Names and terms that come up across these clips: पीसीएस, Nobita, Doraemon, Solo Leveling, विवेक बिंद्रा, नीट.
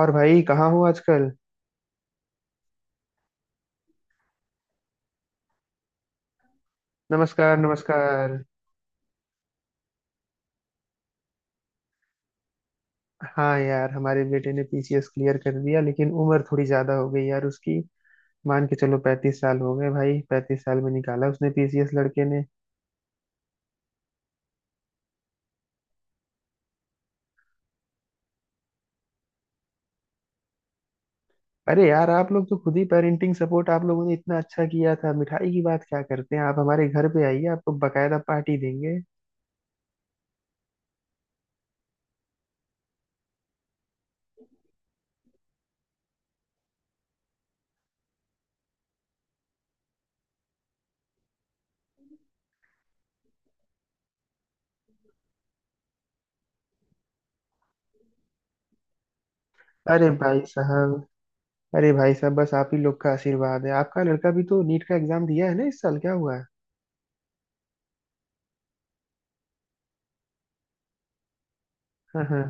और भाई कहाँ हो आजकल। नमस्कार, नमस्कार। हाँ यार, हमारे बेटे ने पीसीएस क्लियर कर दिया, लेकिन उम्र थोड़ी ज्यादा हो गई यार उसकी। मान के चलो 35 साल हो गए भाई, 35 साल में निकाला उसने पीसीएस लड़के ने। अरे यार, आप लोग तो खुद ही पेरेंटिंग सपोर्ट आप लोगों ने इतना अच्छा किया था, मिठाई की बात क्या करते हैं आप, हमारे घर पे आइए, आपको बकायदा पार्टी देंगे। अरे भाई साहब, अरे भाई साहब, बस आप ही लोग का आशीर्वाद है। आपका लड़का भी तो नीट का एग्जाम दिया है ना इस साल, क्या हुआ है? हाँ हाँ।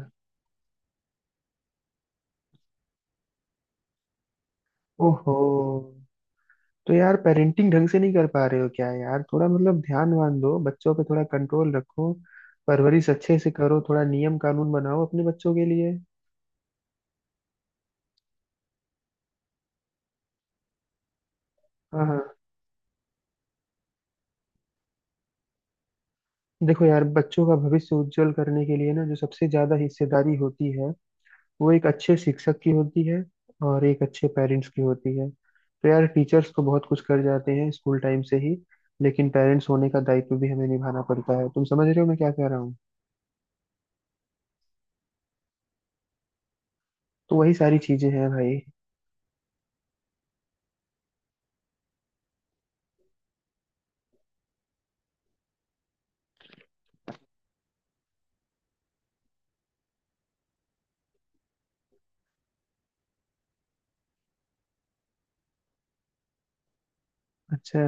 ओहो। तो यार पेरेंटिंग ढंग से नहीं कर पा रहे हो क्या यार? थोड़ा मतलब ध्यान वान दो बच्चों पे, थोड़ा कंट्रोल रखो। परवरिश अच्छे से करो, थोड़ा नियम कानून बनाओ अपने बच्चों के लिए। हाँ हाँ। देखो यार, बच्चों का भविष्य उज्जवल करने के लिए ना जो सबसे ज्यादा हिस्सेदारी होती है, वो एक अच्छे शिक्षक की होती है, और एक अच्छे पेरेंट्स की होती है। तो यार टीचर्स तो बहुत कुछ कर जाते हैं स्कूल टाइम से ही, लेकिन पेरेंट्स होने का दायित्व भी हमें निभाना पड़ता है। तुम समझ रहे हो मैं क्या कह रहा हूँ? तो वही सारी चीजें हैं भाई। अच्छा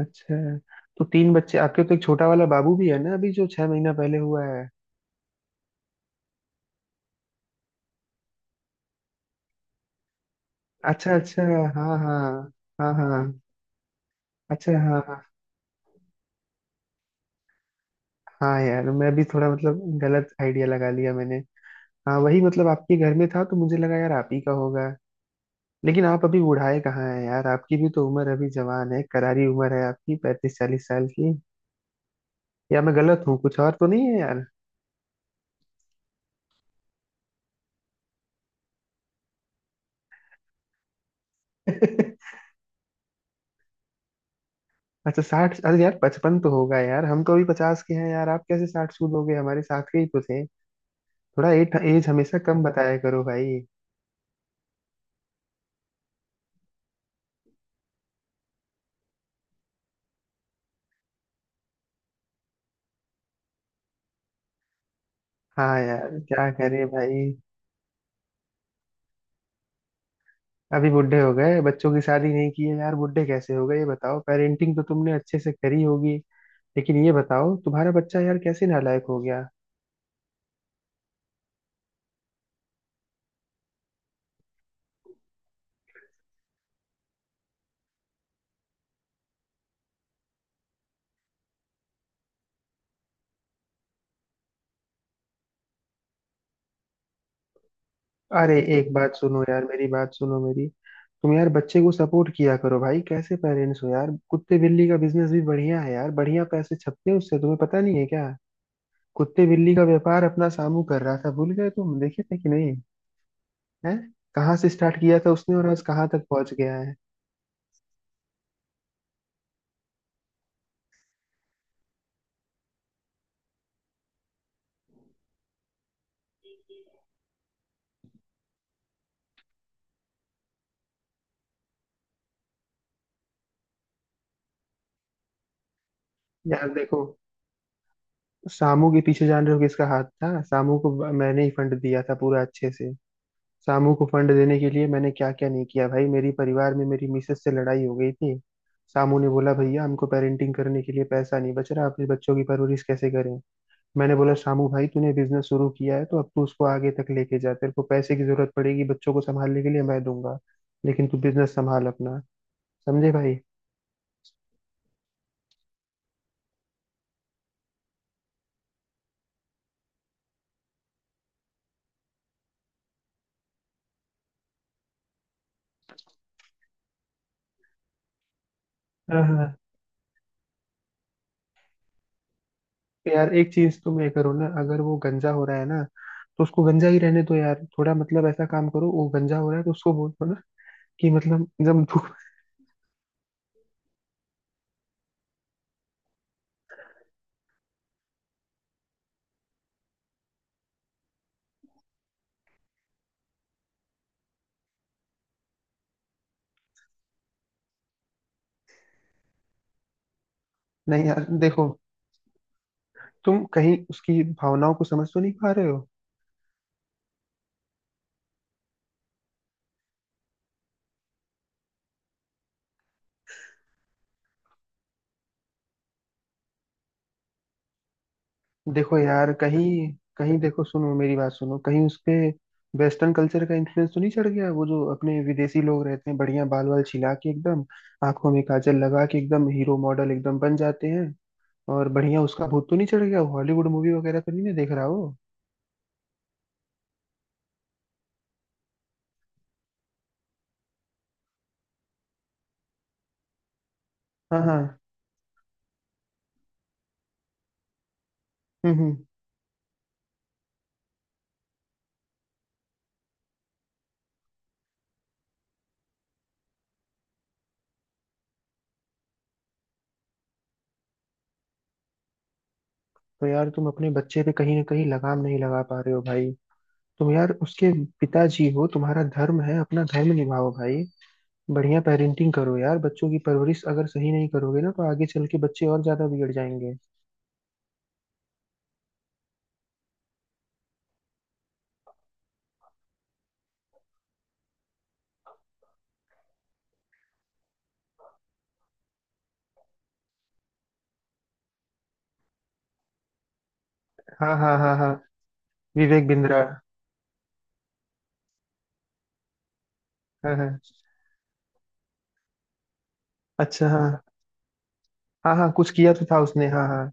अच्छा। तो तीन बच्चे आपके, तो एक छोटा वाला बाबू भी है ना अभी जो 6 महीना पहले हुआ है। अच्छा अच्छा। हाँ हाँ, हाँ हाँ। अच्छा, हाँ हाँ। हाँ यार, मैं भी थोड़ा मतलब गलत आइडिया लगा लिया मैंने। हाँ वही मतलब आपके घर में था तो मुझे लगा यार आप ही का होगा। लेकिन आप अभी बुढ़ाए कहाँ हैं यार? आपकी भी तो उम्र अभी जवान है, करारी उम्र है आपकी, 35-40 साल की। या मैं गलत हूँ, कुछ और तो नहीं है यार? अच्छा, 60? अरे यार 55 तो होगा यार, हम तो अभी 50 के हैं यार, आप कैसे 60 सूद हो गए? हमारे साथ के ही तो थे। थोड़ा एट एज हमेशा कम बताया करो भाई। हाँ यार क्या करे भाई। अभी बुढ़े हो गए? बच्चों की शादी नहीं की है यार, बुढ़े कैसे हो गए ये बताओ। पेरेंटिंग तो तुमने अच्छे से करी होगी, लेकिन ये बताओ तुम्हारा बच्चा यार कैसे नालायक हो गया। अरे एक बात सुनो यार, मेरी बात सुनो मेरी। तुम यार बच्चे को सपोर्ट किया करो भाई, कैसे पेरेंट्स हो यार? कुत्ते बिल्ली का बिजनेस भी बढ़िया है यार, बढ़िया पैसे छपते हैं उससे, तुम्हें पता नहीं है क्या? कुत्ते बिल्ली का व्यापार अपना सामू कर रहा था, भूल गए? तुम देखे थे कि नहीं है। कहाँ से स्टार्ट किया था उसने और आज कहाँ तक पहुंच गया है। यार देखो, सामू के पीछे जान रहे हो किसका हाथ था? सामू को मैंने ही फंड दिया था पूरा अच्छे से। सामू को फंड देने के लिए मैंने क्या क्या नहीं किया भाई, मेरी परिवार में मेरी मिसेस से लड़ाई हो गई थी। सामू ने बोला भैया हमको पेरेंटिंग करने के लिए पैसा नहीं बच रहा, अपने बच्चों की परवरिश कैसे करें। मैंने बोला सामू भाई, तूने बिजनेस शुरू किया है, तो अब तू उसको आगे तक लेके जा, तेरे को पैसे की जरूरत पड़ेगी बच्चों को संभालने के लिए, मैं दूंगा, लेकिन तू बिजनेस संभाल अपना। समझे भाई? हाँ हाँ। यार एक चीज तुम ये करो ना, अगर वो गंजा हो रहा है ना तो उसको गंजा ही रहने दो यार। थोड़ा मतलब ऐसा काम करो, वो गंजा हो रहा है तो उसको बोल दो ना कि मतलब जब धूप। नहीं यार देखो, तुम कहीं उसकी भावनाओं को समझ तो नहीं पा रहे हो। देखो यार कहीं कहीं देखो, सुनो मेरी बात सुनो। कहीं उस पे वेस्टर्न कल्चर का इन्फ्लुएंस तो नहीं चढ़ गया? वो जो अपने विदेशी लोग रहते हैं, बढ़िया बाल वाल छिला के एकदम, आंखों में काजल लगा के एकदम हीरो मॉडल एकदम बन जाते हैं। और बढ़िया उसका भूत तो नहीं चढ़ गया, हॉलीवुड मूवी वगैरह तो नहीं ना देख रहा हो? हाँ हाँ। हम्म हम्म। तो यार तुम अपने बच्चे पे कहीं ना कहीं लगाम नहीं लगा पा रहे हो भाई। तुम यार उसके पिताजी हो, तुम्हारा धर्म है अपना धर्म निभाओ भाई। बढ़िया पेरेंटिंग करो यार, बच्चों की परवरिश अगर सही नहीं करोगे ना तो आगे चल के बच्चे और ज्यादा बिगड़ जाएंगे। हाँ हाँ, हाँ हाँ। विवेक बिंद्रा। हाँ हाँ। अच्छा, हाँ हाँ। हाँ कुछ किया तो था उसने, हाँ हाँ।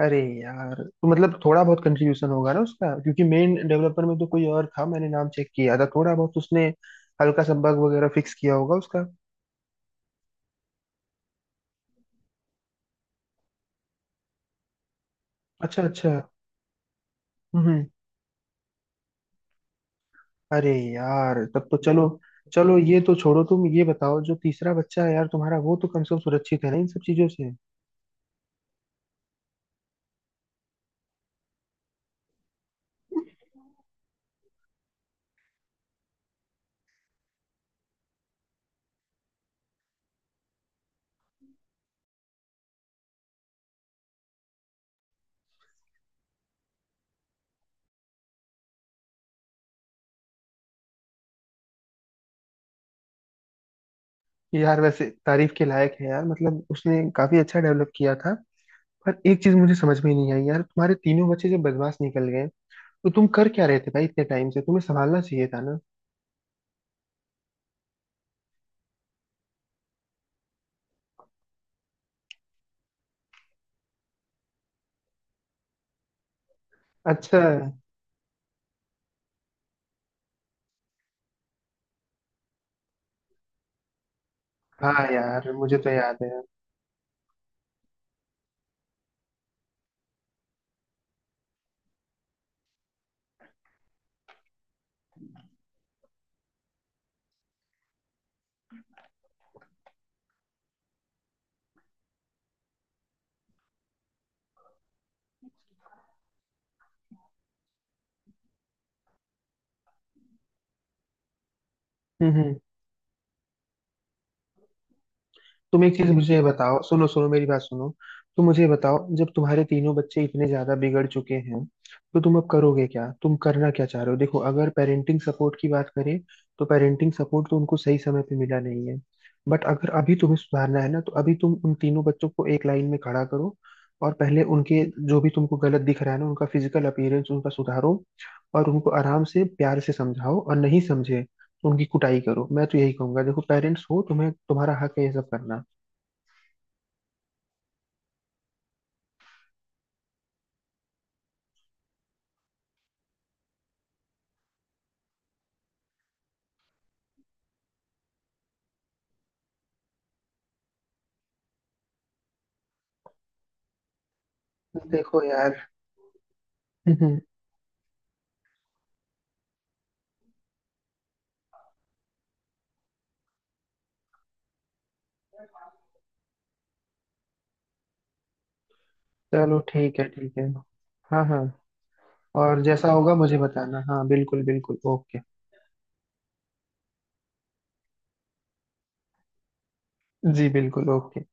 अरे यार, तो मतलब थोड़ा बहुत कंट्रीब्यूशन होगा ना उसका, क्योंकि मेन डेवलपर में तो कोई और था, मैंने नाम चेक किया था। थोड़ा बहुत उसने हल्का सा बग वगैरह फिक्स किया होगा उसका। अच्छा अच्छा। हम्म हम्म। अरे यार तब तो चलो। चलो ये तो छोड़ो, तुम ये बताओ जो तीसरा बच्चा है यार तुम्हारा, वो तो कम से कम सुरक्षित है ना इन सब चीजों से। यार वैसे तारीफ के लायक है यार, मतलब उसने काफी अच्छा डेवलप किया था। पर एक चीज मुझे समझ में नहीं आई यार, तुम्हारे तीनों बच्चे जब बदमाश निकल गए, तो तुम कर क्या रहे थे भाई? इतने टाइम से तुम्हें संभालना चाहिए था ना। अच्छा। हाँ यार, मुझे तो याद है। हम्म हम्म। तुम एक चीज मुझे ये बताओ, सुनो सुनो मेरी बात सुनो। तुम मुझे ये बताओ, जब तुम्हारे तीनों बच्चे इतने ज्यादा बिगड़ चुके हैं तो तुम अब करोगे क्या? तुम करना क्या चाह रहे हो? देखो, अगर पेरेंटिंग सपोर्ट की बात करें तो पेरेंटिंग सपोर्ट तो उनको सही समय पे मिला नहीं है, बट अगर अभी तुम्हें सुधारना है ना, तो अभी तुम उन तीनों बच्चों को एक लाइन में खड़ा करो, और पहले उनके जो भी तुमको गलत दिख रहा है ना उनका फिजिकल अपीयरेंस उनका सुधारो, और उनको आराम से प्यार से समझाओ, और नहीं समझे तो उनकी कुटाई करो। मैं तो यही कहूंगा, देखो पेरेंट्स हो, तुम्हें तुम्हारा हक है ये सब करना। देखो यार चलो ठीक है, ठीक है। हाँ हाँ। और जैसा होगा मुझे बताना। हाँ बिल्कुल, बिल्कुल, ओके। जी बिल्कुल, ओके।